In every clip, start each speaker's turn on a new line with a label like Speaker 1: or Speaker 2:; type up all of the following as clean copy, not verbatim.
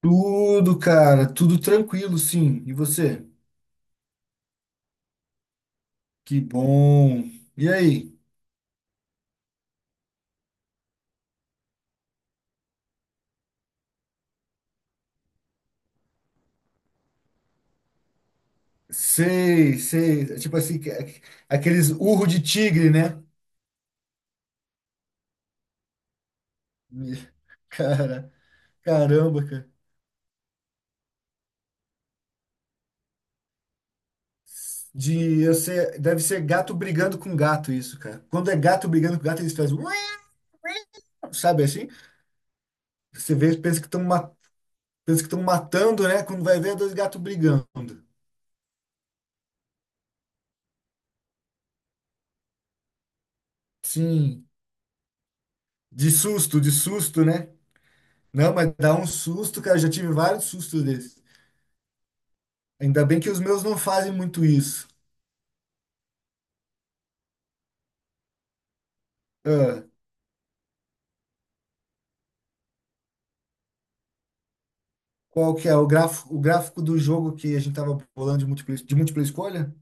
Speaker 1: Tudo, cara, tudo tranquilo, sim. E você? Que bom. E aí? Sei, sei. É, tipo assim, aqueles urro de tigre, né? Me- Cara, caramba, cara. Eu sei, deve ser gato brigando com gato isso, cara. Quando é gato brigando com gato, eles fazem, "Ué", sabe assim? Você vê, pensa que estão matando, né? Quando vai ver, é dois gatos brigando. Sim, de susto, né? Não, mas dá um susto, cara. Eu já tive vários sustos desses. Ainda bem que os meus não fazem muito isso. Ah, qual que é o gráfico do jogo que a gente tava bolando de múltipla escolha?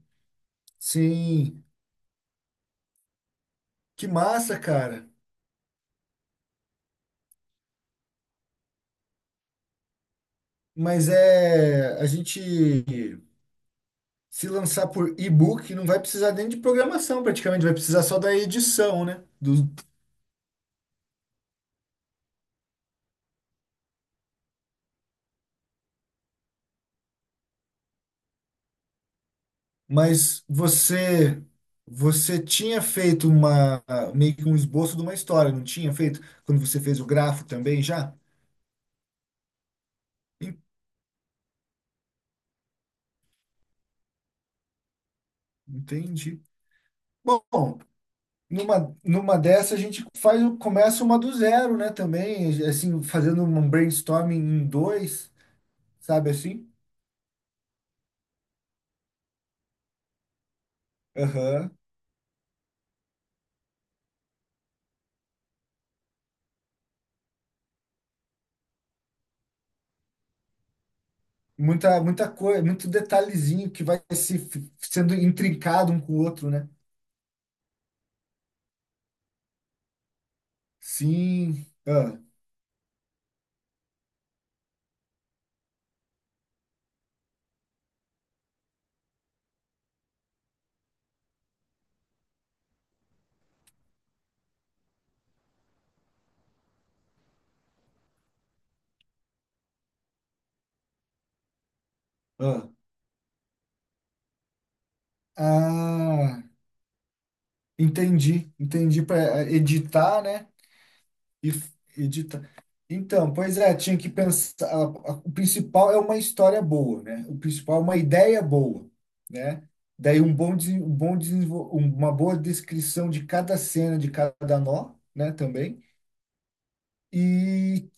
Speaker 1: Sim, que massa, cara. Mas é a gente se lançar por e-book não vai precisar nem de programação, praticamente vai precisar só da edição, né? Mas você tinha feito uma meio que um esboço de uma história, não tinha feito quando você fez o gráfico também já? En- Entendi. Bom, numa dessa a gente faz, começa uma do zero, né, também, assim, fazendo um brainstorming em dois, sabe assim? Aham. Muita, muita coisa, muito detalhezinho que vai se f- sendo intrincado um com o outro, né? Sim. Ah, ah. Ah, entendi, entendi, para editar, né? E edita. Então, pois é, tinha que pensar. O principal é uma história boa, né? O principal é uma ideia boa, né? Daí um bom, um bom uma boa descrição de cada cena, de cada nó, né? Também. E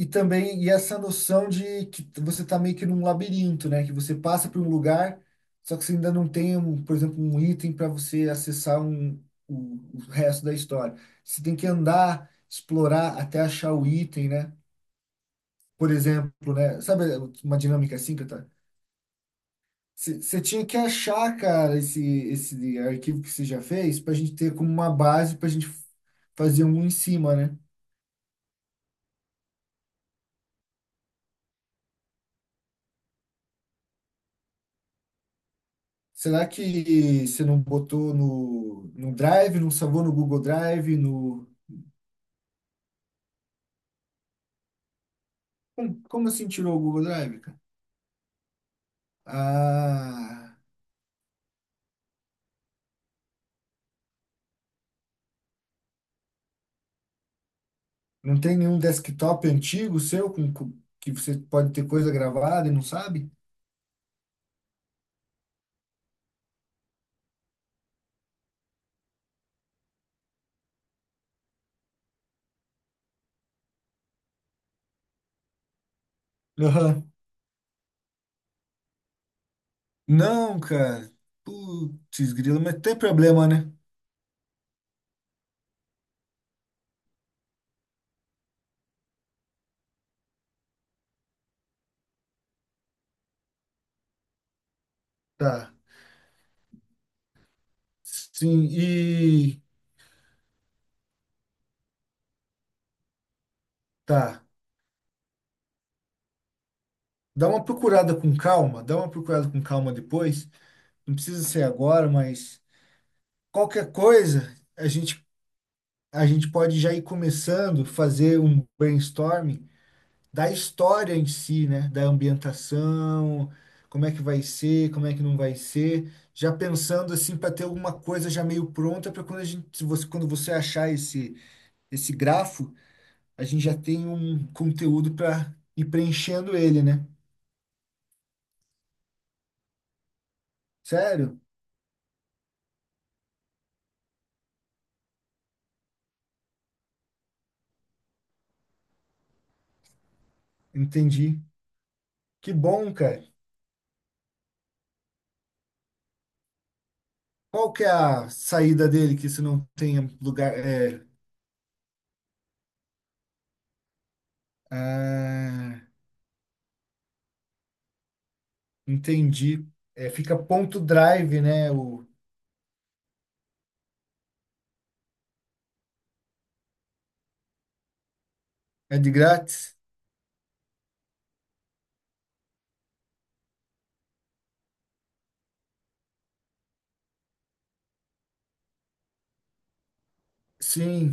Speaker 1: e também, e essa noção de que você está meio que num labirinto, né? Que você passa por um lugar, só que você ainda não tem, um, por exemplo, um item para você acessar um, o resto da história. Você tem que andar, explorar até achar o item, né? Por exemplo, né? Sabe uma dinâmica assim que eu tá? Você tinha que achar, cara, esse arquivo que você já fez para a gente ter como uma base para a gente fazer um em cima, né? Será que você não botou no, no Drive, não salvou no Google Drive, no... Como, como assim tirou o Google Drive, cara? Ah, não tem nenhum desktop antigo seu com, que você pode ter coisa gravada e não sabe? Aham. Não, cara. Putz, grilo, mas tem problema, né? Tá. Sim, e tá. Dá uma procurada com calma, dá uma procurada com calma depois. Não precisa ser agora, mas qualquer coisa a gente pode já ir começando, fazer um brainstorming da história em si, né? Da ambientação, como é que vai ser, como é que não vai ser, já pensando assim para ter alguma coisa já meio pronta para quando a gente, se você, quando você achar esse esse grafo, a gente já tem um conteúdo para ir preenchendo ele, né? Sério? Entendi. Que bom, cara. Qual que é a saída dele que se não tem lugar? É... Ah. Entendi. É, fica ponto drive, né? O, é de grátis? Sim.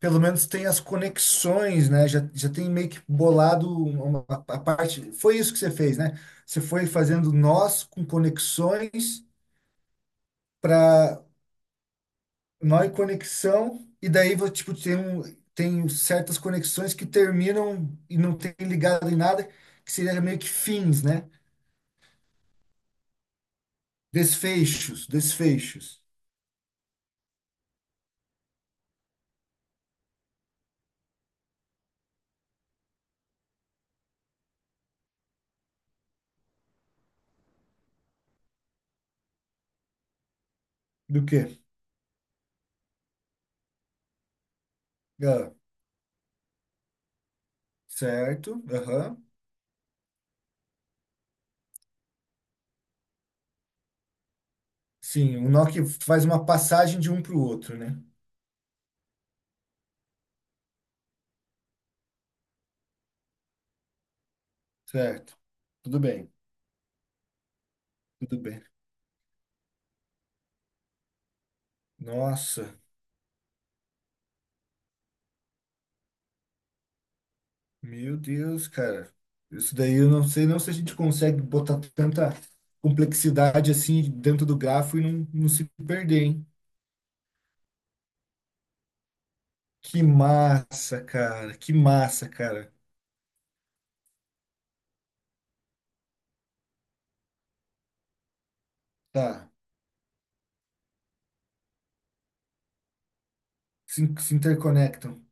Speaker 1: Pelo menos tem as conexões, né? Já, já tem meio que bolado uma, a parte. Foi isso que você fez, né? Você foi fazendo nós com conexões para nó e conexão, e daí tipo, tem, tem certas conexões que terminam e não tem ligado em nada, que seria meio que fins, né? Desfechos, desfechos. Do quê? Ah. Certo. Aham. Sim, o nó que faz uma passagem de um para o outro, né? Certo. Tudo bem, tudo bem. Nossa, meu Deus, cara. Isso daí eu não sei não se a gente consegue botar tanta complexidade assim dentro do grafo e não, não se perder, hein? Que massa, cara. Que massa, cara. Tá. Se interconectam.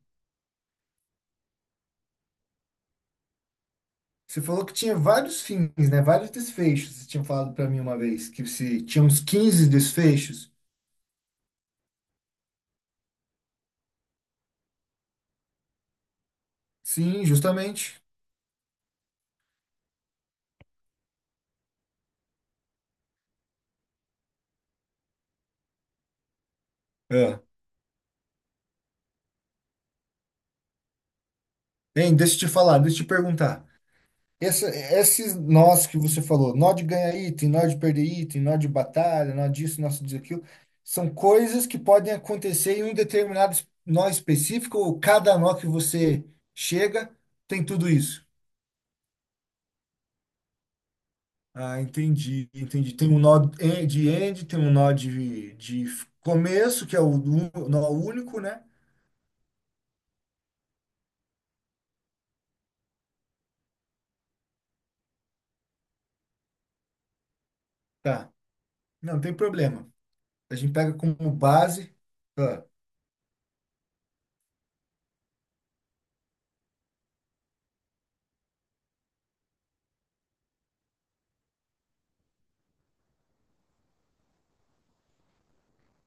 Speaker 1: Você falou que tinha vários fins, né? Vários desfechos. Você tinha falado para mim uma vez que se tinha uns 15 desfechos. Sim, justamente. É. Hein, deixa eu te falar, deixa eu te perguntar. Essa, esses nós que você falou, nó de ganhar item, nó de perder item, nó de batalha, nó disso, aquilo, são coisas que podem acontecer em um determinado nó específico, ou cada nó que você chega tem tudo isso. Ah, entendi, entendi. Tem um nó de end, tem um nó de começo, que é o nó único, né? Tá, não tem problema. A gente pega como base. Ah,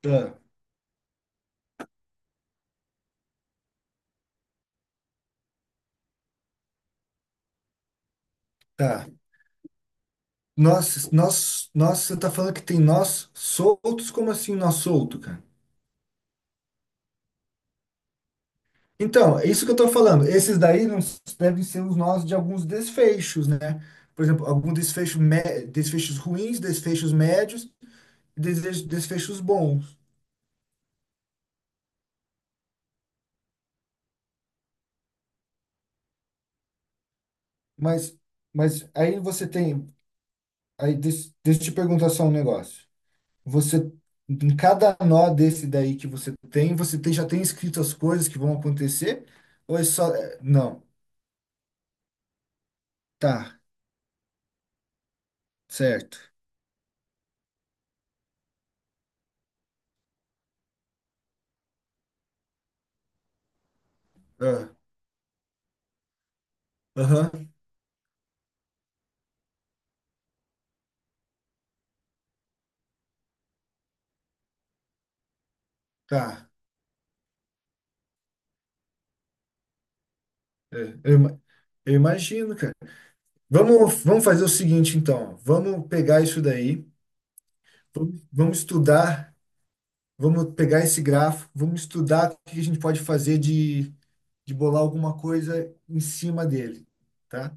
Speaker 1: ah. Tá. Nós, você tá falando que tem nós soltos? Como assim nós solto, cara? Então, é isso que eu tô falando. Esses daí não devem ser os nós de alguns desfechos, né? Por exemplo, algum desfecho, desfechos ruins, desfechos médios, desfechos, desfechos bons. Mas, mas aí você tem, deixa eu te perguntar só um negócio. Você, em cada nó desse daí que você tem, já tem escrito as coisas que vão acontecer? Ou é só, é, não, tá. Certo. Ah, aham. Tá. É, eu, eu imagino, cara. Vamos, vamos fazer o seguinte, então. Vamos pegar isso daí, vamos, vamos estudar, vamos pegar esse grafo, vamos estudar o que a gente pode fazer de bolar alguma coisa em cima dele, tá?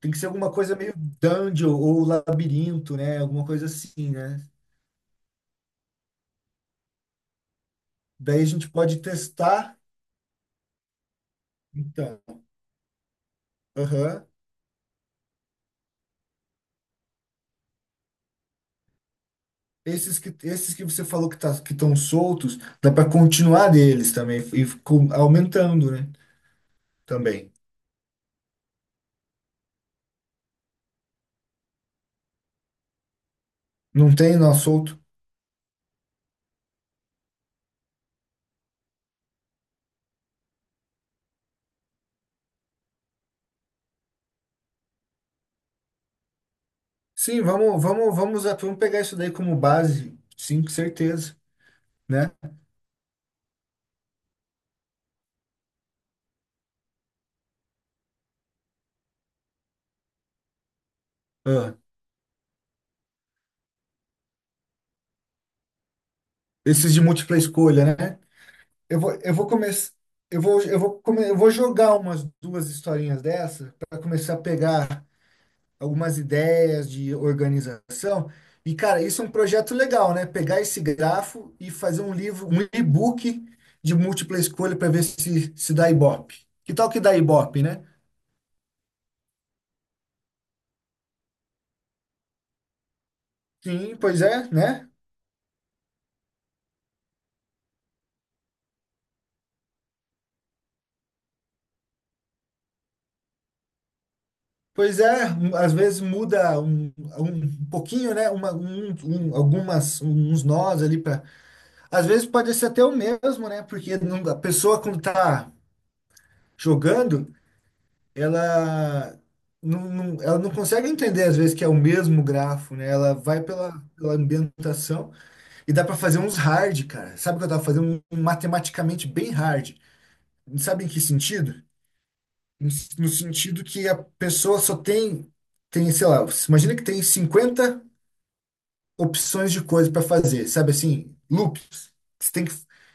Speaker 1: Tem que ser alguma coisa meio dungeon ou labirinto, né? Alguma coisa assim, né? Daí a gente pode testar. Então, aham. Esses que você falou que tá, que estão soltos, dá para continuar deles também e aumentando, né? Também. Não tem nó solto? Sim, vamos, vamos, vamos, vamos pegar isso daí como base, sim, com certeza, né? Ah, esses de múltipla escolha, né? Eu vou começar, eu vou jogar umas duas historinhas dessa para começar a pegar algumas ideias de organização. E, cara, isso é um projeto legal, né? Pegar esse grafo e fazer um livro, um e-book de múltipla escolha para ver se, se dá Ibope. Que tal que dá Ibope, né? Sim, pois é, né? Pois é, às vezes muda um, um pouquinho, né? Algumas, uns nós ali para. Às vezes pode ser até o mesmo, né? Porque a pessoa quando tá jogando. ela ela não consegue entender às vezes que é o mesmo grafo, né? Ela vai pela, pela ambientação e dá para fazer uns hard, cara. Sabe o que eu tava fazendo? Um matematicamente bem hard. Sabe em que sentido? No, no sentido que a pessoa só tem, tem, sei lá, imagina que tem 50 opções de coisa para fazer, sabe assim, loops. Você tem que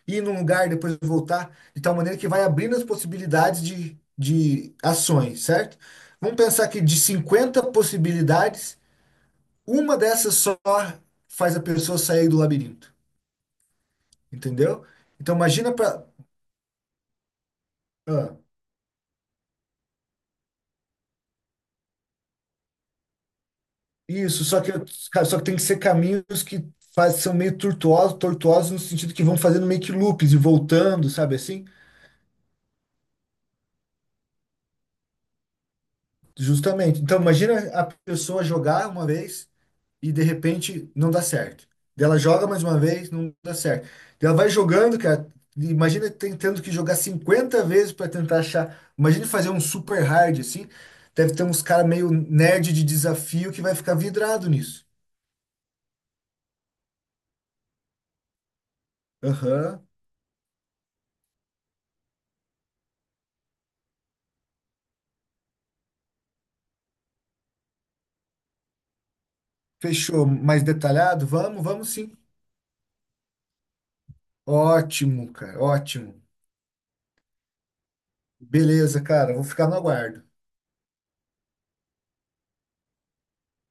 Speaker 1: ir num lugar, depois voltar, de tal maneira que vai abrindo as possibilidades de ações, certo? Vamos pensar que de 50 possibilidades, uma dessas só faz a pessoa sair do labirinto, entendeu? Então imagina para isso, só que tem que ser caminhos que faz, são meio tortuosos, tortuosos no sentido que vão fazendo meio que loops e voltando, sabe assim? Justamente. Então, imagina a pessoa jogar uma vez e de repente não dá certo. Daí ela joga mais uma vez, não dá certo. Daí ela vai jogando, cara. Imagina tentando que jogar 50 vezes para tentar achar. Imagina fazer um super hard assim. Deve ter uns cara meio nerd de desafio que vai ficar vidrado nisso. Aham. Fechou. Mais detalhado? Vamos, vamos sim. Ótimo, cara. Ótimo. Beleza, cara. Vou ficar no aguardo.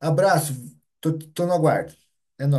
Speaker 1: Abraço. Tô, tô no aguardo. É nóis.